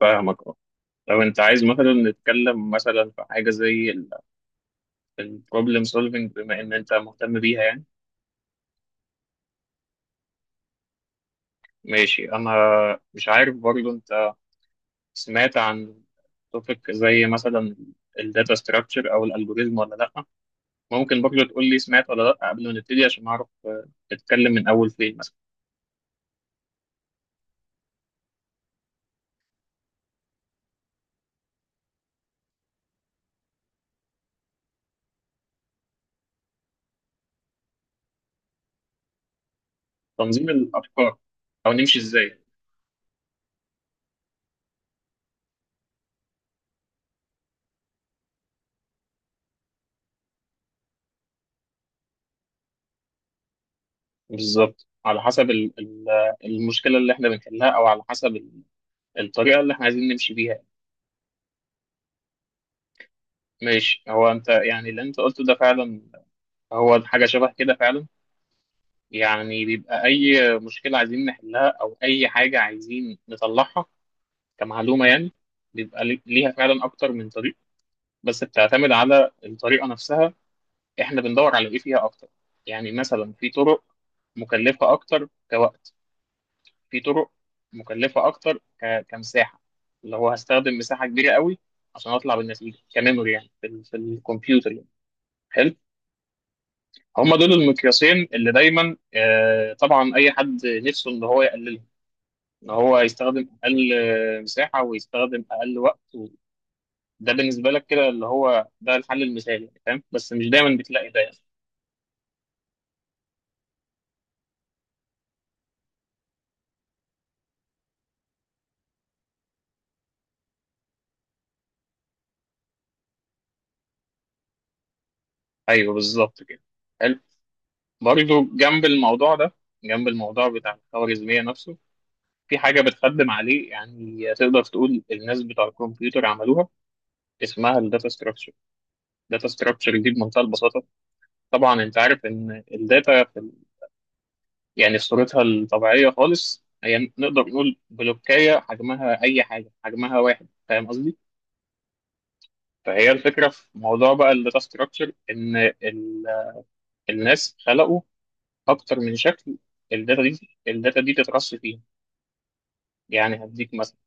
فاهمك، اه. لو انت عايز مثلا نتكلم مثلا في حاجه زي البروبلم سولفنج بما ان انت مهتم بيها يعني. ماشي. انا مش عارف برضو انت سمعت عن توبيك زي مثلا الداتا ستراكشر او الالجوريزم، ولا لا ممكن برضو تقول لي سمعت ولا لا قبل ما نبتدي عشان اعرف، نتكلم من اول فين مثلا. تنظيم الافكار او نمشي ازاي بالظبط، على حسب المشكله اللي احنا بنحلها، او على حسب الطريقه اللي احنا عايزين نمشي بيها. ماشي. هو انت يعني اللي انت قلته ده فعلا هو حاجة شبه كده فعلا. يعني بيبقى اي مشكلة عايزين نحلها او اي حاجة عايزين نطلعها كمعلومة يعني، بيبقى ليها فعلا اكتر من طريق، بس بتعتمد على الطريقة نفسها. احنا بندور على ايه فيها اكتر. يعني مثلا في طرق مكلفة اكتر كوقت، في طرق مكلفة اكتر كمساحة، اللي هو هستخدم مساحة كبيرة قوي عشان اطلع بالنتيجة كميموري، يعني في في الكمبيوتر يعني. حلو. هم دول المقياسين اللي دايما، طبعا اي حد نفسه ان هو يقللهم، ان هو يستخدم اقل مساحه ويستخدم اقل وقت. ده بالنسبه لك كده اللي هو ده الحل المثالي يعني، فاهم؟ بس مش دايما بتلاقي ده يعني. ايوه بالظبط كده. حلو. برضه جنب الموضوع ده، جنب الموضوع بتاع الخوارزميه نفسه، في حاجه بتخدم عليه يعني، تقدر تقول الناس بتوع الكمبيوتر عملوها، اسمها الداتا ستراكشر. الداتا ستراكشر دي بمنتهى البساطه. طبعا انت عارف ان الداتا يعني في صورتها الطبيعية خالص هي نقدر نقول بلوكية، حجمها أي حاجة، حجمها واحد، فاهم قصدي؟ فهي الفكرة في موضوع بقى الداتا ستراكشر، إن الناس خلقوا أكتر من شكل. الداتا دي، الداتا دي تترص فيها، يعني هديك مثلا.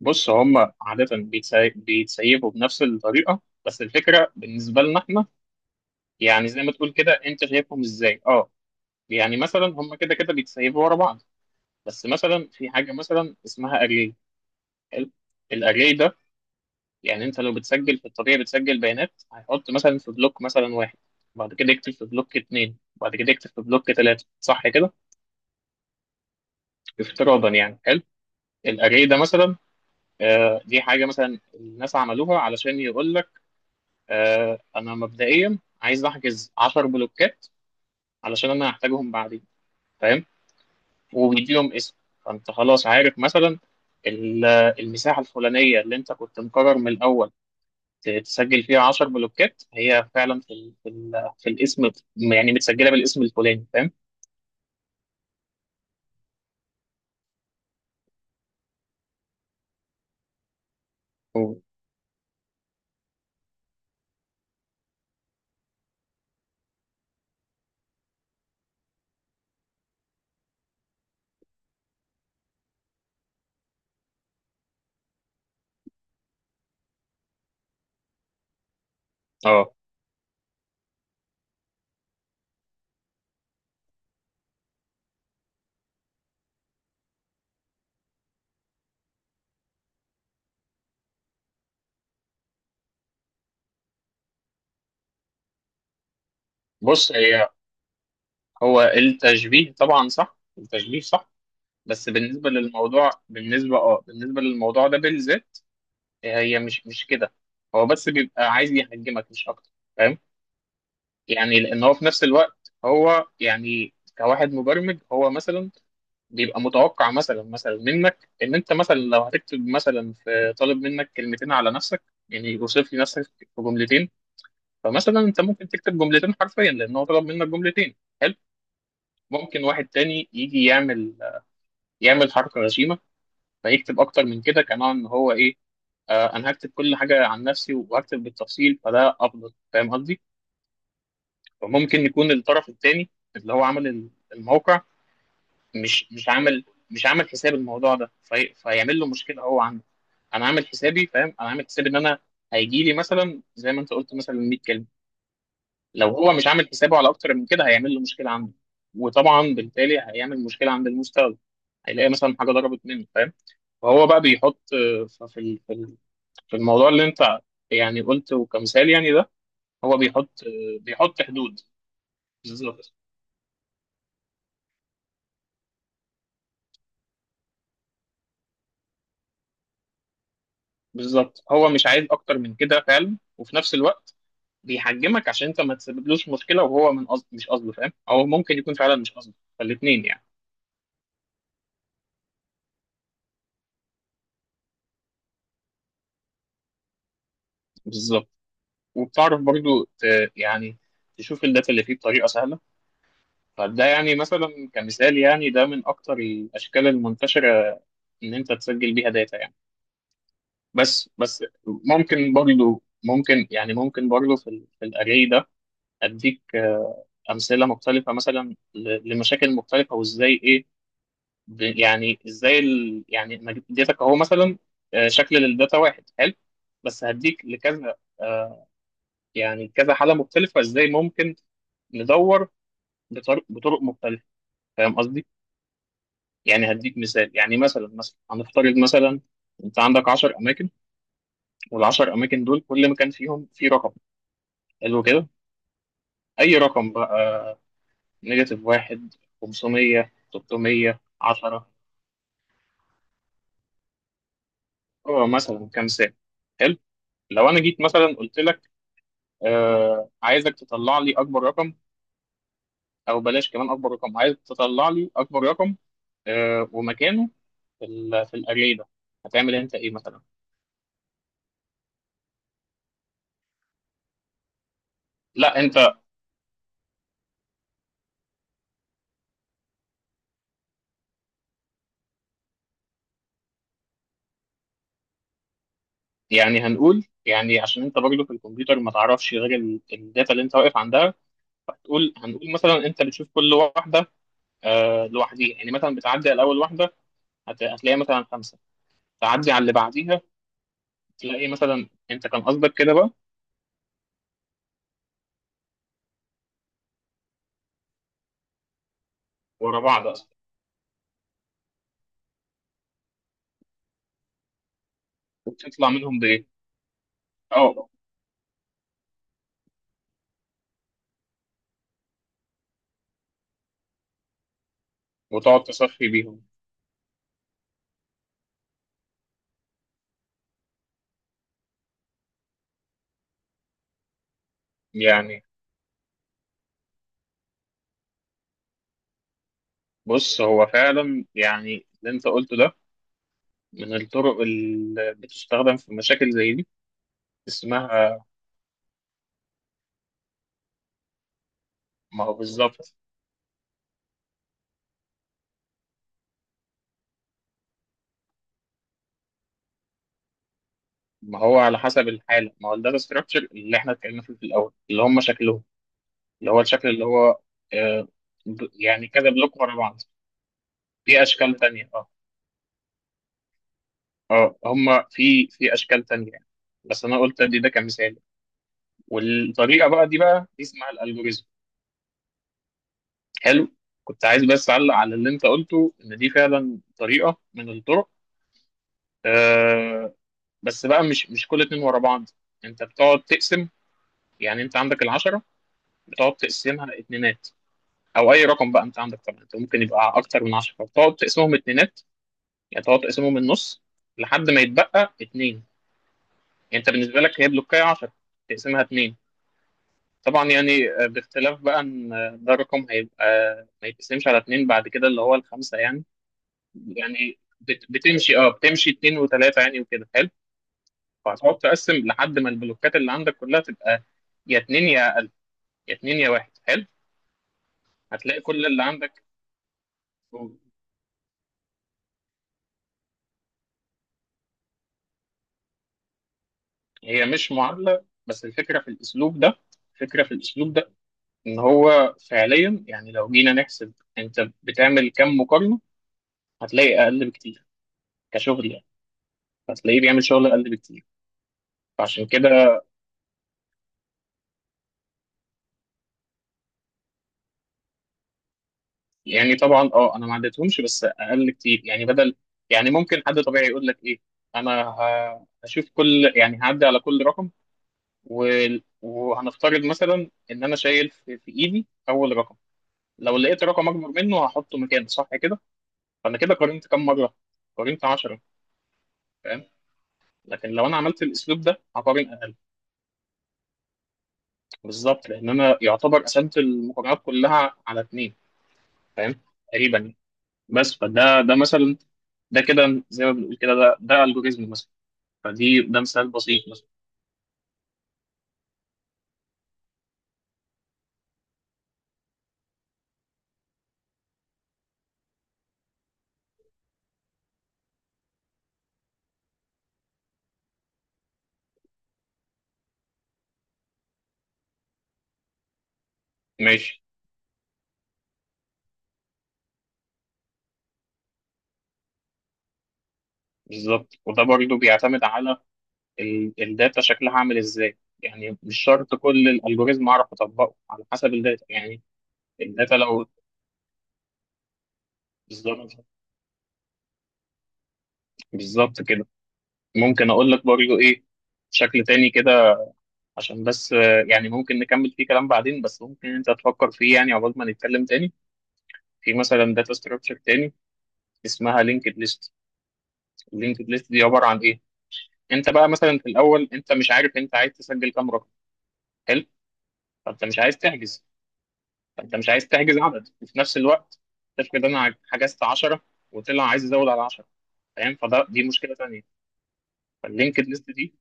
بص، هم عادة بيتسيبوا بنفس الطريقة، بس الفكرة بالنسبة لنا إحنا، يعني زي ما تقول كده، أنت شايفهم إزاي؟ أه. يعني مثلا هم كده كده بيتسيبوا ورا بعض، بس مثلا في حاجة مثلا اسمها أري. حلو. الاري ده، يعني انت لو بتسجل في الطبيعي بتسجل بيانات، هيحط مثلا في بلوك مثلا واحد، بعد كده يكتب في بلوك اتنين، بعد كده يكتب في بلوك تلاته، صح كده، افتراضا يعني. حلو. الاري ده مثلا، دي حاجه مثلا الناس عملوها علشان يقول لك، انا مبدئيا عايز احجز 10 بلوكات علشان انا هحتاجهم بعدين، فاهم. وبيديهم اسم. فانت خلاص عارف مثلا ال- المساحه الفلانيه اللي انت كنت مقرر من الاول تسجل فيها 10 بلوكات، هي فعلا في الاسم، يعني متسجله بالاسم الفلاني، فاهم. و- اه، بص هي، هو التشبيه طبعا صح، التشبيه صح، بس بالنسبه للموضوع، بالنسبه للموضوع ده بالذات هي مش كده. هو بس بيبقى عايز يهاجمك مش اكتر، فاهم. يعني لان هو في نفس الوقت، هو يعني كواحد مبرمج، هو مثلا بيبقى متوقع مثلا منك ان انت مثلا لو هتكتب مثلا، في طالب منك كلمتين على نفسك، يعني يوصف لي نفسك في جملتين. فمثلا انت ممكن تكتب جملتين حرفيا لان هو طلب منك جملتين، حلو. ممكن واحد تاني يجي يعمل، يعمل حركه غشيمه، فيكتب اكتر من كده كنوع ان هو ايه، آه انا هكتب كل حاجه عن نفسي وهكتب بالتفصيل فده افضل، فاهم قصدي. فممكن يكون الطرف التاني اللي هو عمل الموقع مش عامل، مش عامل حساب الموضوع ده فيعمل له مشكله هو عنده. انا عامل حسابي، فاهم، انا عامل حسابي ان انا هيجي لي مثلا زي ما انت قلت مثلا 100 كلمه. لو هو مش عامل حسابه على اكتر من كده هيعمل له مشكله عنده، وطبعا بالتالي هيعمل مشكله عند المستخدم، هيلاقي مثلا حاجه ضربت منه، فاهم. فهو بقى بيحط، في الموضوع اللي انت يعني قلته كمثال يعني ده، هو بيحط بيحط حدود. بالظبط. بالظبط، هو مش عايز اكتر من كده فعلا، وفي نفس الوقت بيحجمك عشان انت ما تسببلوش مشكله، وهو من قصد مش قصده، فاهم، او ممكن يكون فعلا مش قصده، فالاثنين يعني. بالظبط. وبتعرف برضو يعني تشوف الداتا اللي فيه بطريقه سهله. فده يعني مثلا كمثال يعني، ده من اكتر الاشكال المنتشره ان انت تسجل بيها داتا يعني. بس ممكن برضو، ممكن يعني، ممكن برضو في الاري ده اديك امثله مختلفه مثلا، لمشاكل مختلفه، وازاي ايه، يعني ازاي يعني أنا اديتك اهو مثلا شكل للداتا واحد، حلو. بس هديك لكذا، آه، يعني كذا حالة مختلفة، ازاي ممكن ندور بطرق مختلفة، فاهم قصدي؟ يعني هديك مثال يعني، مثلا هنفترض مثلا، انت عندك 10 اماكن، وال10 اماكن دول كل مكان فيهم فيه رقم، حلو كده. اي رقم بقى، نيجاتيف واحد، 500، 300، 10، هو مثلا كام سنة، حلو. لو انا جيت مثلا قلت لك، آه عايزك تطلع لي اكبر رقم، او بلاش، كمان اكبر رقم عايزك تطلع لي اكبر رقم آه ومكانه في الاري ده، هتعمل انت ايه مثلا؟ لا انت، يعني هنقول يعني عشان انت برضه في الكمبيوتر ما تعرفش غير الداتا اللي انت واقف عندها، هتقول، هنقول مثلا انت بتشوف كل واحده آه لوحديها، يعني مثلا بتعدي على اول واحده هتلاقيها مثلا خمسه، تعدي على اللي بعديها تلاقي مثلا، انت كان قصدك كده بقى، ورا بعض اصلا، وتطلع منهم بايه، اه. وتقعد تصفي بيهم يعني. بص، هو فعلا يعني اللي انت قلته ده من الطرق اللي بتستخدم في مشاكل زي دي. اسمها، ما هو بالظبط، ما هو على حسب الحاله، ما هو الداتا ستراكشر اللي احنا اتكلمنا فيه في الاول اللي هم شكلهم، اللي هو الشكل اللي هو آه، يعني كذا بلوك ورا بعض، في اشكال تانية اه، اه هم في اشكال تانية يعني. بس انا قلت ادي ده كمثال، والطريقه بقى دي اسمها الالجوريزم. حلو. كنت عايز بس اعلق على اللي انت قلته، ان دي فعلا طريقه من الطرق، آه بس بقى مش كل اتنين ورا بعض، انت بتقعد تقسم. يعني انت عندك العشرة، بتقعد تقسمها اتنينات، او اي رقم بقى، انت عندك طبعا، انت ممكن يبقى اكتر من عشرة، بتقعد تقسمهم اتنينات، يعني تقعد تقسمهم النص لحد ما يتبقى اتنين. يعني انت بالنسبة لك هي بلوكاية عشرة، تقسمها اتنين. طبعا يعني، باختلاف بقى ان ده رقم هيبقى ما يتقسمش على اتنين بعد كده، اللي هو الخمسة يعني. يعني بتمشي، اه، بتمشي اتنين وتلاتة يعني، وكده حلو. فهتقعد تقسم لحد ما البلوكات اللي عندك كلها تبقى يا اتنين يا اقل، يا اتنين يا واحد، حلو. هتلاقي كل اللي عندك. هي مش معادله، بس الفكره في الاسلوب ده، الفكره في الاسلوب ده ان هو فعليا يعني، لو جينا نحسب انت بتعمل كام مقارنه، هتلاقي اقل بكتير كشغل يعني، هتلاقيه بيعمل شغل اقل بكتير. فعشان كده، يعني طبعا اه، انا ما عدتهمش بس اقل كتير يعني، بدل، يعني ممكن حد طبيعي يقول لك ايه، انا هشوف كل، يعني هعدي على كل رقم، وهنفترض مثلا ان انا شايل في ايدي اول رقم، لو لقيت رقم اكبر منه هحطه مكانه، صح كده، فانا كده قارنت كام مره، قارنت 10، فاهم. لكن لو انا عملت الاسلوب ده هقارن اقل. بالظبط، لان انا يعتبر قسمت المقارنات كلها على اتنين، فاهم، تقريبا يعني. بس فده ده مثلا، ده كده زي ما بنقول كده، ده الجوريزم مثلا، فدي ده مثال بسيط مثلا. ماشي. بالظبط. وده برضه بيعتمد على الداتا شكلها عامل ازاي، يعني مش شرط كل الالجوريزم اعرف اطبقه على حسب الداتا يعني. الداتا لو، بالظبط، بالظبط كده. ممكن اقول لك برضه ايه، بشكل تاني كده عشان بس، يعني ممكن نكمل فيه كلام بعدين، بس ممكن انت تفكر فيه يعني عقبال ما نتكلم تاني. في مثلا داتا ستراكشر تاني اسمها لينكد ليست. اللينكد ليست دي عباره عن ايه؟ انت بقى مثلا في الاول انت مش عارف انت عايز تسجل كام رقم، حلو. فانت مش عايز تحجز، فانت مش عايز تحجز عدد، وفي نفس الوقت تفرض انا حجزت 10، وطلع عايز يزود على 10، فاهم، فده دي مشكله ثانيه. فاللينكد ليست دي،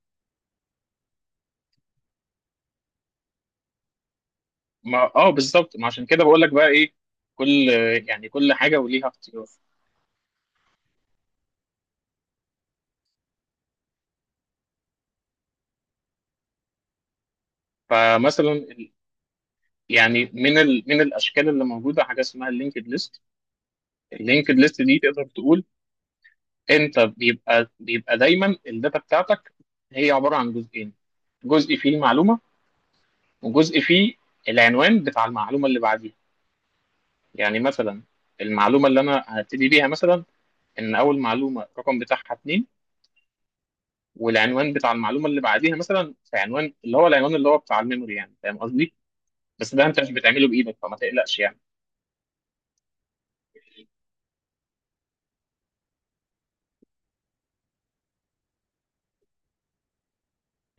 ما اه بالظبط، ما عشان كده بقول لك بقى ايه، كل، يعني كل حاجه وليها اختيار. فمثلا يعني من من الاشكال اللي موجوده حاجه اسمها اللينكد ليست. اللينكد ليست دي تقدر تقول انت بيبقى دايما الداتا بتاعتك هي عباره عن جزئين، جزء فيه المعلومه، وجزء فيه العنوان بتاع المعلومه اللي بعديها. يعني مثلا المعلومه اللي انا هبتدي بيها مثلا، ان اول معلومه الرقم بتاعها اتنين، والعنوان بتاع المعلومه اللي بعديها مثلا في عنوان، اللي هو العنوان اللي هو بتاع الميموري يعني، فاهم قصدي؟ بس ده انت مش بتعمله بايدك، فما تقلقش يعني.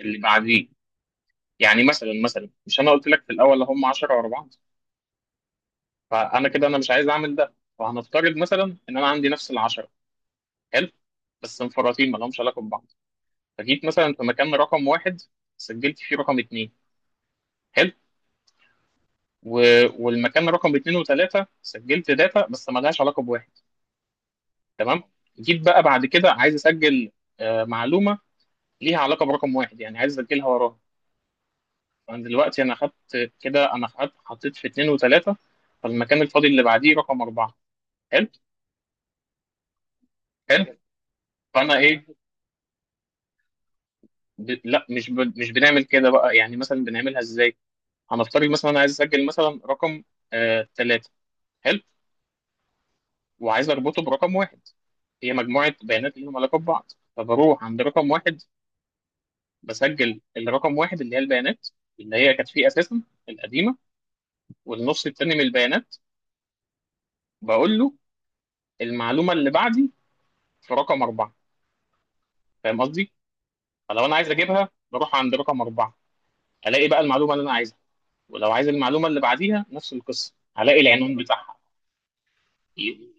اللي بعديه، يعني مثلا مش انا قلت لك في الاول هم 10 ورا بعض، فانا كده انا مش عايز اعمل ده، فهنفترض مثلا ان انا عندي نفس ال 10، حلو. بس مفرطين ما لهمش علاقه ببعض. فجيت مثلا في مكان رقم واحد سجلت فيه رقم اتنين، حلو. والمكان رقم اتنين وتلاته سجلت داتا بس ملهاش علاقه بواحد، تمام. جيت بقى بعد كده عايز اسجل معلومه ليها علاقه برقم واحد، يعني عايز اسجلها وراها. فانا دلوقتي، انا خدت كده، انا خدت حطيت في اتنين وتلاته، فالمكان الفاضي اللي بعديه رقم اربعه. حلو. حلو. فانا ايه، ب... لا مش ب... مش بنعمل كده بقى، يعني مثلا بنعملها ازاي. هنفترض مثلا انا عايز اسجل مثلا رقم تلاته، حلو. وعايز اربطه برقم واحد، هي مجموعه بيانات ليهم علاقه ببعض، فبروح عند رقم واحد بسجل الرقم واحد اللي هي البيانات اللي هي كانت فيه اساسا، القديمه، والنص التاني من البيانات بقول له المعلومه اللي بعدي في رقم اربعه، فاهم قصدي؟ فلو انا عايز اجيبها بروح عند رقم اربعه، الاقي بقى المعلومه اللي انا عايزها. ولو عايز المعلومه اللي بعديها نفس القصه، هلاقي العنوان بتاعها،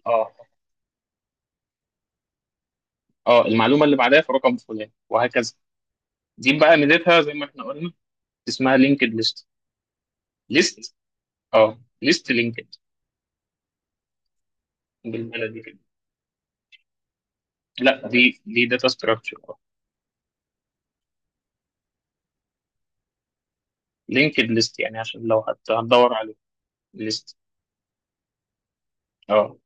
اه اه، المعلومه اللي بعدها في رقم فلان وهكذا. دي بقى ميزتها زي ما احنا قلنا. اسمها لينكد ليست. ليست، اه ليست لينكد. بالبلدي كده، لا، دي داتا ستراكشر. لينكد ليست، يعني عشان لو هتدور عليه. ليست، اه.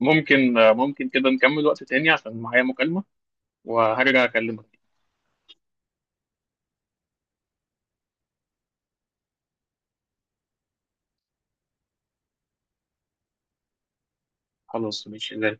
ممكن كده نكمل وقت تاني عشان معايا مكالمة، وهرجع أكلمك. خلاص ماشي زي